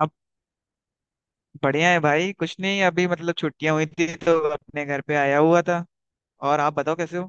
अब बढ़िया है भाई। कुछ नहीं, अभी मतलब छुट्टियां हुई थी तो अपने घर पे आया हुआ था। और आप बताओ कैसे हो।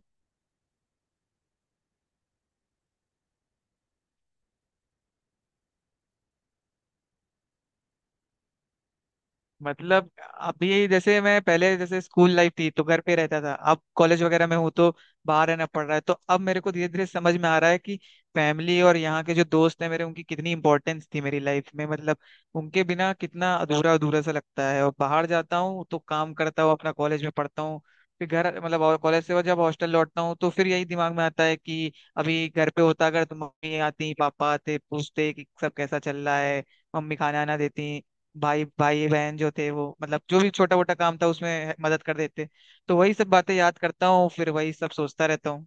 मतलब अभी जैसे मैं पहले जैसे स्कूल लाइफ थी तो घर पे रहता था, अब कॉलेज वगैरह में हूँ तो बाहर रहना पड़ रहा है। तो अब मेरे को धीरे धीरे समझ में आ रहा है कि फैमिली और यहाँ के जो दोस्त हैं मेरे, उनकी कितनी इंपॉर्टेंस थी मेरी लाइफ में। मतलब उनके बिना कितना अधूरा अधूरा सा लगता है। और बाहर जाता हूँ तो काम करता हूँ अपना, कॉलेज में पढ़ता हूँ, फिर घर मतलब, और कॉलेज से, और जब हॉस्टल लौटता हूँ तो फिर यही दिमाग में आता है कि अभी घर पे होता अगर तो मम्मी आती, पापा आते, पूछते कि सब कैसा चल रहा है, मम्मी खाना आना देती, भाई भाई बहन जो थे वो मतलब जो भी छोटा मोटा काम था उसमें मदद कर देते। तो वही सब बातें याद करता हूँ, फिर वही सब सोचता रहता हूँ।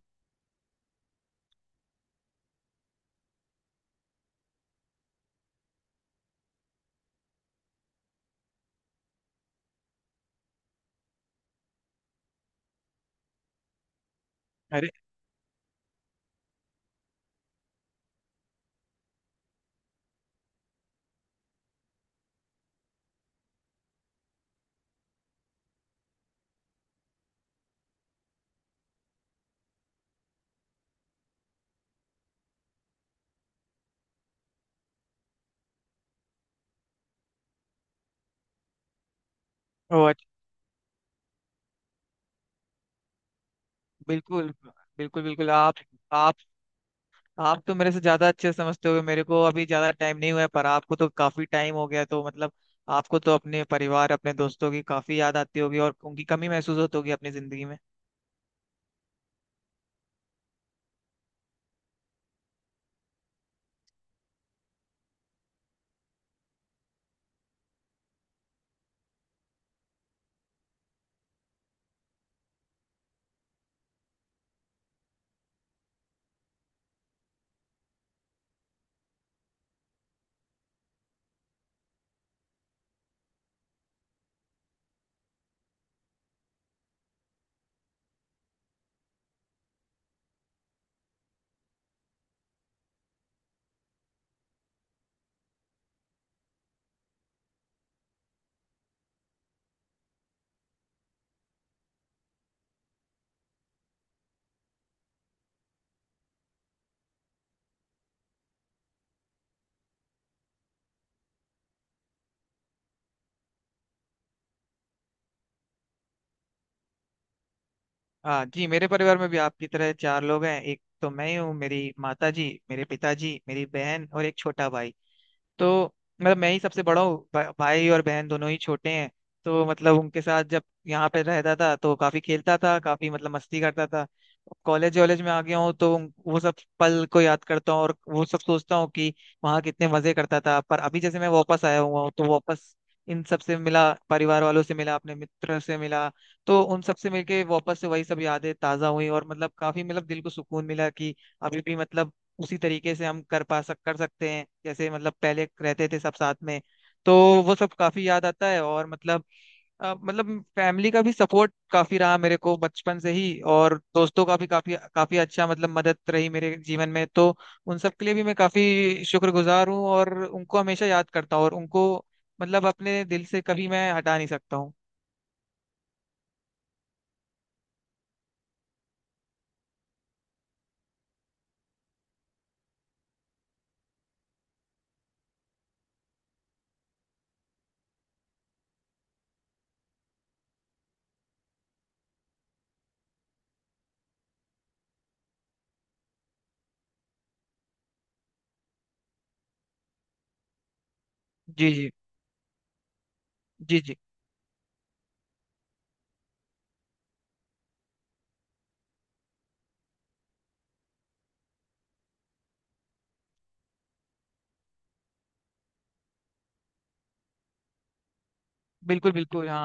अरे। ओ अच्छा। बिल्कुल। बिल्कुल बिल्कुल। आप आप तो मेरे से ज्यादा अच्छे समझते हो। मेरे को अभी ज्यादा टाइम नहीं हुआ है, पर आपको तो काफी टाइम हो गया तो मतलब आपको तो अपने परिवार, अपने दोस्तों की काफी याद आती होगी और उनकी कमी महसूस होती होगी अपनी जिंदगी में। हाँ जी, मेरे परिवार में भी आपकी तरह 4 लोग हैं। एक तो मैं ही हूँ, मेरी माता जी, मेरे पिताजी, मेरी बहन और एक छोटा भाई। तो मतलब मैं ही सबसे बड़ा हूँ, भाई और बहन दोनों ही छोटे हैं। तो मतलब उनके साथ जब यहाँ पे रहता था तो काफी खेलता था, काफी मतलब मस्ती करता था। कॉलेज वॉलेज में आ गया हूँ तो वो सब पल को याद करता हूँ और वो सब सोचता हूँ कि वहाँ कितने मजे करता था। पर अभी जैसे मैं वापस आया हुआ हूँ तो वापस इन सब से मिला, परिवार वालों से मिला, अपने मित्र से मिला। तो उन सब से मिलके वापस से वही सब यादें ताजा हुई, और मतलब काफी मतलब दिल को सुकून मिला कि अभी भी मतलब उसी तरीके से हम कर पा सक कर सकते हैं जैसे मतलब पहले रहते थे सब साथ में। तो वो सब काफी याद आता है। और मतलब मतलब फैमिली का भी सपोर्ट काफी रहा मेरे को बचपन से ही, और दोस्तों का भी काफी काफी अच्छा मतलब मदद रही मेरे जीवन में। तो उन सब के लिए भी मैं काफी शुक्रगुजार हूँ और उनको हमेशा याद करता हूँ और उनको मतलब अपने दिल से कभी मैं हटा नहीं सकता हूँ। जी जी। जी जी। बिल्कुल बिल्कुल। हाँ।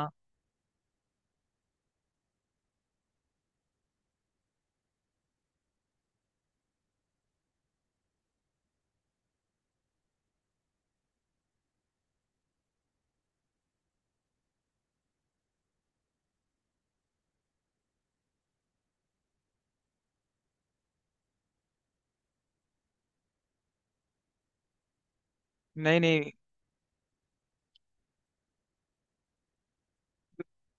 नहीं नहीं।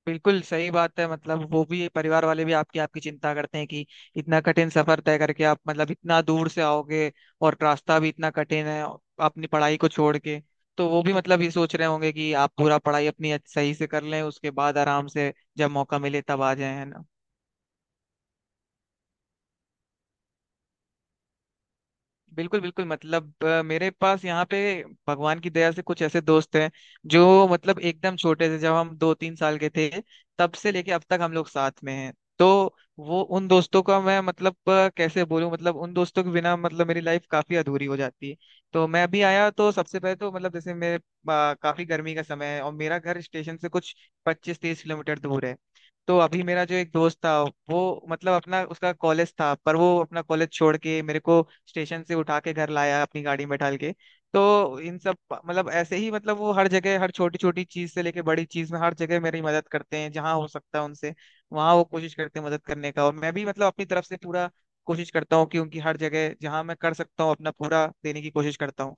बिल्कुल सही बात है। मतलब वो भी, परिवार वाले भी आपकी आपकी चिंता करते हैं कि इतना कठिन सफर तय करके आप मतलब इतना दूर से आओगे, और रास्ता भी इतना कठिन है, अपनी पढ़ाई को छोड़ के। तो वो भी मतलब ये सोच रहे होंगे कि आप पूरा पढ़ाई अपनी सही से कर लें, उसके बाद आराम से जब मौका मिले तब आ जाए, है ना। बिल्कुल बिल्कुल। मतलब मेरे पास यहाँ पे भगवान की दया से कुछ ऐसे दोस्त हैं जो मतलब एकदम छोटे से, जब हम 2 3 साल के थे तब से लेके अब तक हम लोग साथ में हैं। तो वो, उन दोस्तों का मैं मतलब कैसे बोलूं, मतलब उन दोस्तों के बिना मतलब मेरी लाइफ काफी अधूरी हो जाती है। तो मैं अभी आया तो सबसे पहले तो मतलब जैसे मेरे काफी गर्मी का समय है और मेरा घर स्टेशन से कुछ 25 30 किलोमीटर दूर है। तो अभी मेरा जो एक दोस्त था, वो मतलब अपना, उसका कॉलेज था पर वो अपना कॉलेज छोड़ के मेरे को स्टेशन से उठा के घर लाया अपनी गाड़ी में ढाल के। तो इन सब मतलब ऐसे ही मतलब वो हर जगह, हर छोटी छोटी चीज से लेके बड़ी चीज में हर जगह मेरी मदद करते हैं। जहाँ हो सकता है उनसे वहाँ वो कोशिश करते हैं मदद करने का, और मैं भी मतलब अपनी तरफ से पूरा कोशिश करता हूँ कि उनकी हर जगह जहाँ मैं कर सकता हूँ अपना पूरा देने की कोशिश करता हूँ।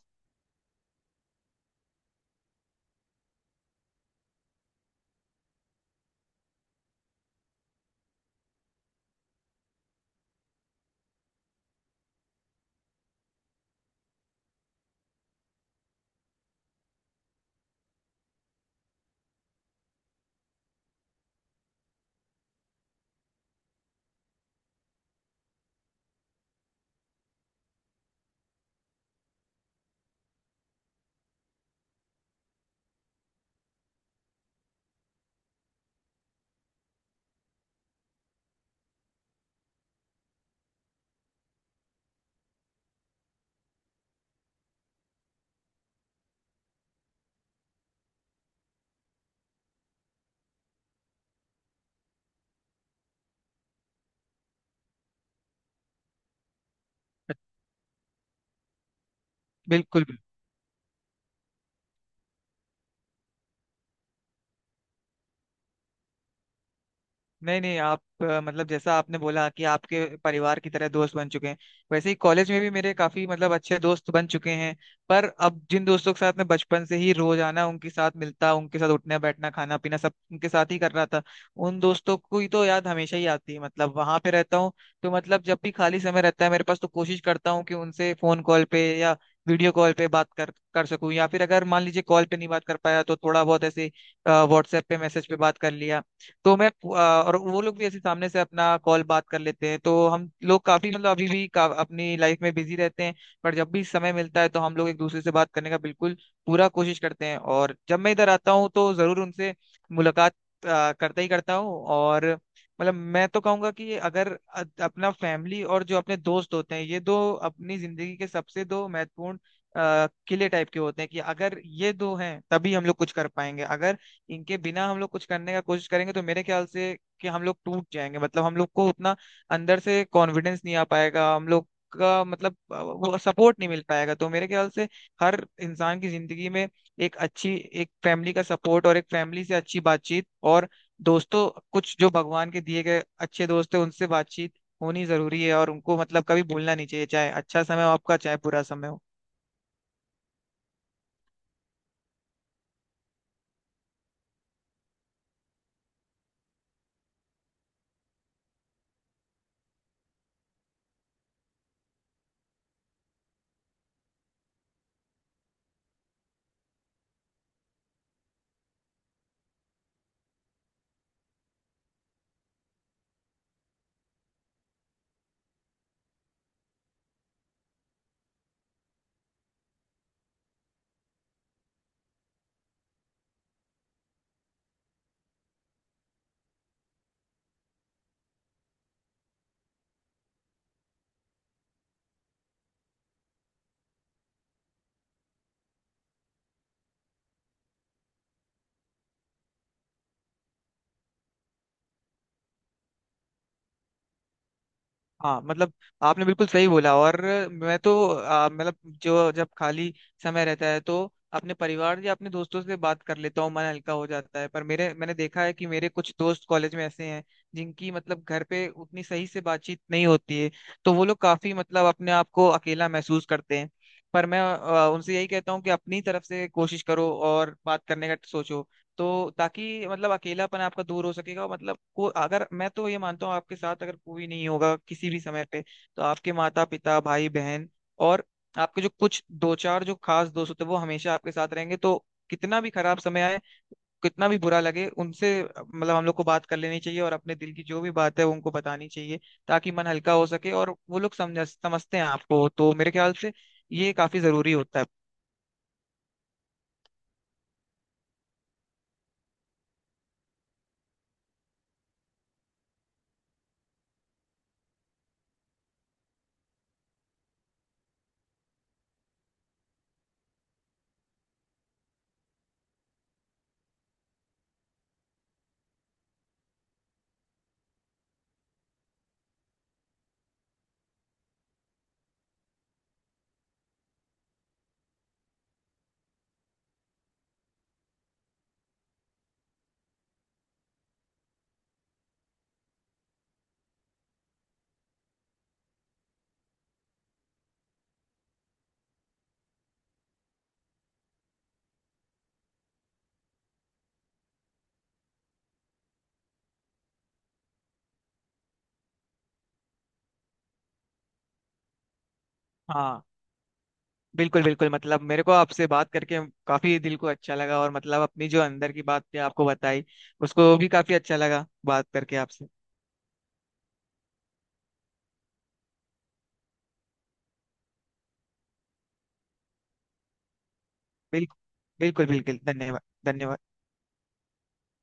बिल्कुल। नहीं नहीं। आप मतलब जैसा आपने बोला कि आपके परिवार की तरह दोस्त बन चुके हैं, वैसे ही कॉलेज में भी मेरे काफी मतलब अच्छे दोस्त बन चुके हैं। पर अब जिन दोस्तों के साथ मैं बचपन से ही रोजाना उनके साथ मिलता, उनके साथ उठना बैठना खाना पीना सब उनके साथ ही कर रहा था, उन दोस्तों को ही तो याद हमेशा ही आती है। मतलब वहां पे रहता हूँ तो मतलब जब भी खाली समय रहता है मेरे पास तो कोशिश करता हूँ कि उनसे फोन कॉल पे या वीडियो कॉल पे बात कर कर सकूं, या फिर अगर मान लीजिए कॉल पे नहीं बात कर पाया तो थोड़ा बहुत ऐसे व्हाट्सएप पे मैसेज पे बात कर लिया। तो मैं और वो लोग भी ऐसे सामने से अपना कॉल बात कर लेते हैं। तो हम लोग काफी मतलब अभी भी अपनी लाइफ में बिजी रहते हैं, पर जब भी समय मिलता है तो हम लोग एक दूसरे से बात करने का बिल्कुल पूरा कोशिश करते हैं। और जब मैं इधर आता हूँ तो जरूर उनसे मुलाकात करता हूँ। और मतलब मैं तो कहूंगा कि अगर अपना फैमिली और जो अपने दोस्त होते हैं, ये दो अपनी जिंदगी के सबसे दो महत्वपूर्ण किले टाइप के होते हैं कि अगर ये दो हैं तभी हम लोग कुछ कर पाएंगे। अगर इनके बिना हम लोग कुछ करने का कोशिश करेंगे तो मेरे ख्याल से कि हम लोग टूट जाएंगे। मतलब हम लोग को उतना अंदर से कॉन्फिडेंस नहीं आ पाएगा, हम लोग का मतलब वो सपोर्ट नहीं मिल पाएगा। तो मेरे ख्याल से हर इंसान की जिंदगी में एक अच्छी, एक फैमिली का सपोर्ट और एक फैमिली से अच्छी बातचीत, और दोस्तों, कुछ जो भगवान के दिए गए अच्छे दोस्त है, उनसे बातचीत होनी जरूरी है। और उनको मतलब कभी भूलना नहीं चाहिए, चाहे अच्छा समय हो आपका चाहे बुरा समय हो। हाँ, मतलब आपने बिल्कुल सही बोला। और मैं तो मतलब जो जब खाली समय रहता है तो अपने परिवार या अपने दोस्तों से बात कर लेता हूँ, मन हल्का हो जाता है। पर मेरे, मैंने देखा है कि मेरे कुछ दोस्त कॉलेज में ऐसे हैं जिनकी मतलब घर पे उतनी सही से बातचीत नहीं होती है, तो वो लोग काफी मतलब अपने आप को अकेला महसूस करते हैं। पर मैं उनसे यही कहता हूँ कि अपनी तरफ से कोशिश करो और बात करने का सोचो, तो ताकि मतलब अकेलापन आपका दूर हो सकेगा। मतलब को अगर, मैं तो ये मानता हूँ, आपके साथ अगर कोई नहीं होगा किसी भी समय पे तो आपके माता पिता, भाई बहन, और आपके जो कुछ 2 4 जो खास दोस्त होते हैं वो हमेशा आपके साथ रहेंगे। तो कितना भी खराब समय आए, कितना भी बुरा लगे, उनसे मतलब हम लोग को बात कर लेनी चाहिए और अपने दिल की जो भी बात है वो उनको बतानी चाहिए, ताकि मन हल्का हो सके और वो लोग समझते हैं आपको। तो मेरे ख्याल से ये काफी जरूरी होता है। हाँ। बिल्कुल बिल्कुल। मतलब मेरे को आपसे बात करके काफी दिल को अच्छा लगा, और मतलब अपनी जो अंदर की बात थी आपको बताई, उसको भी काफी अच्छा लगा बात करके आपसे। बिल्कुल। बिल्कुल बिल्कुल। धन्यवाद। धन्यवाद।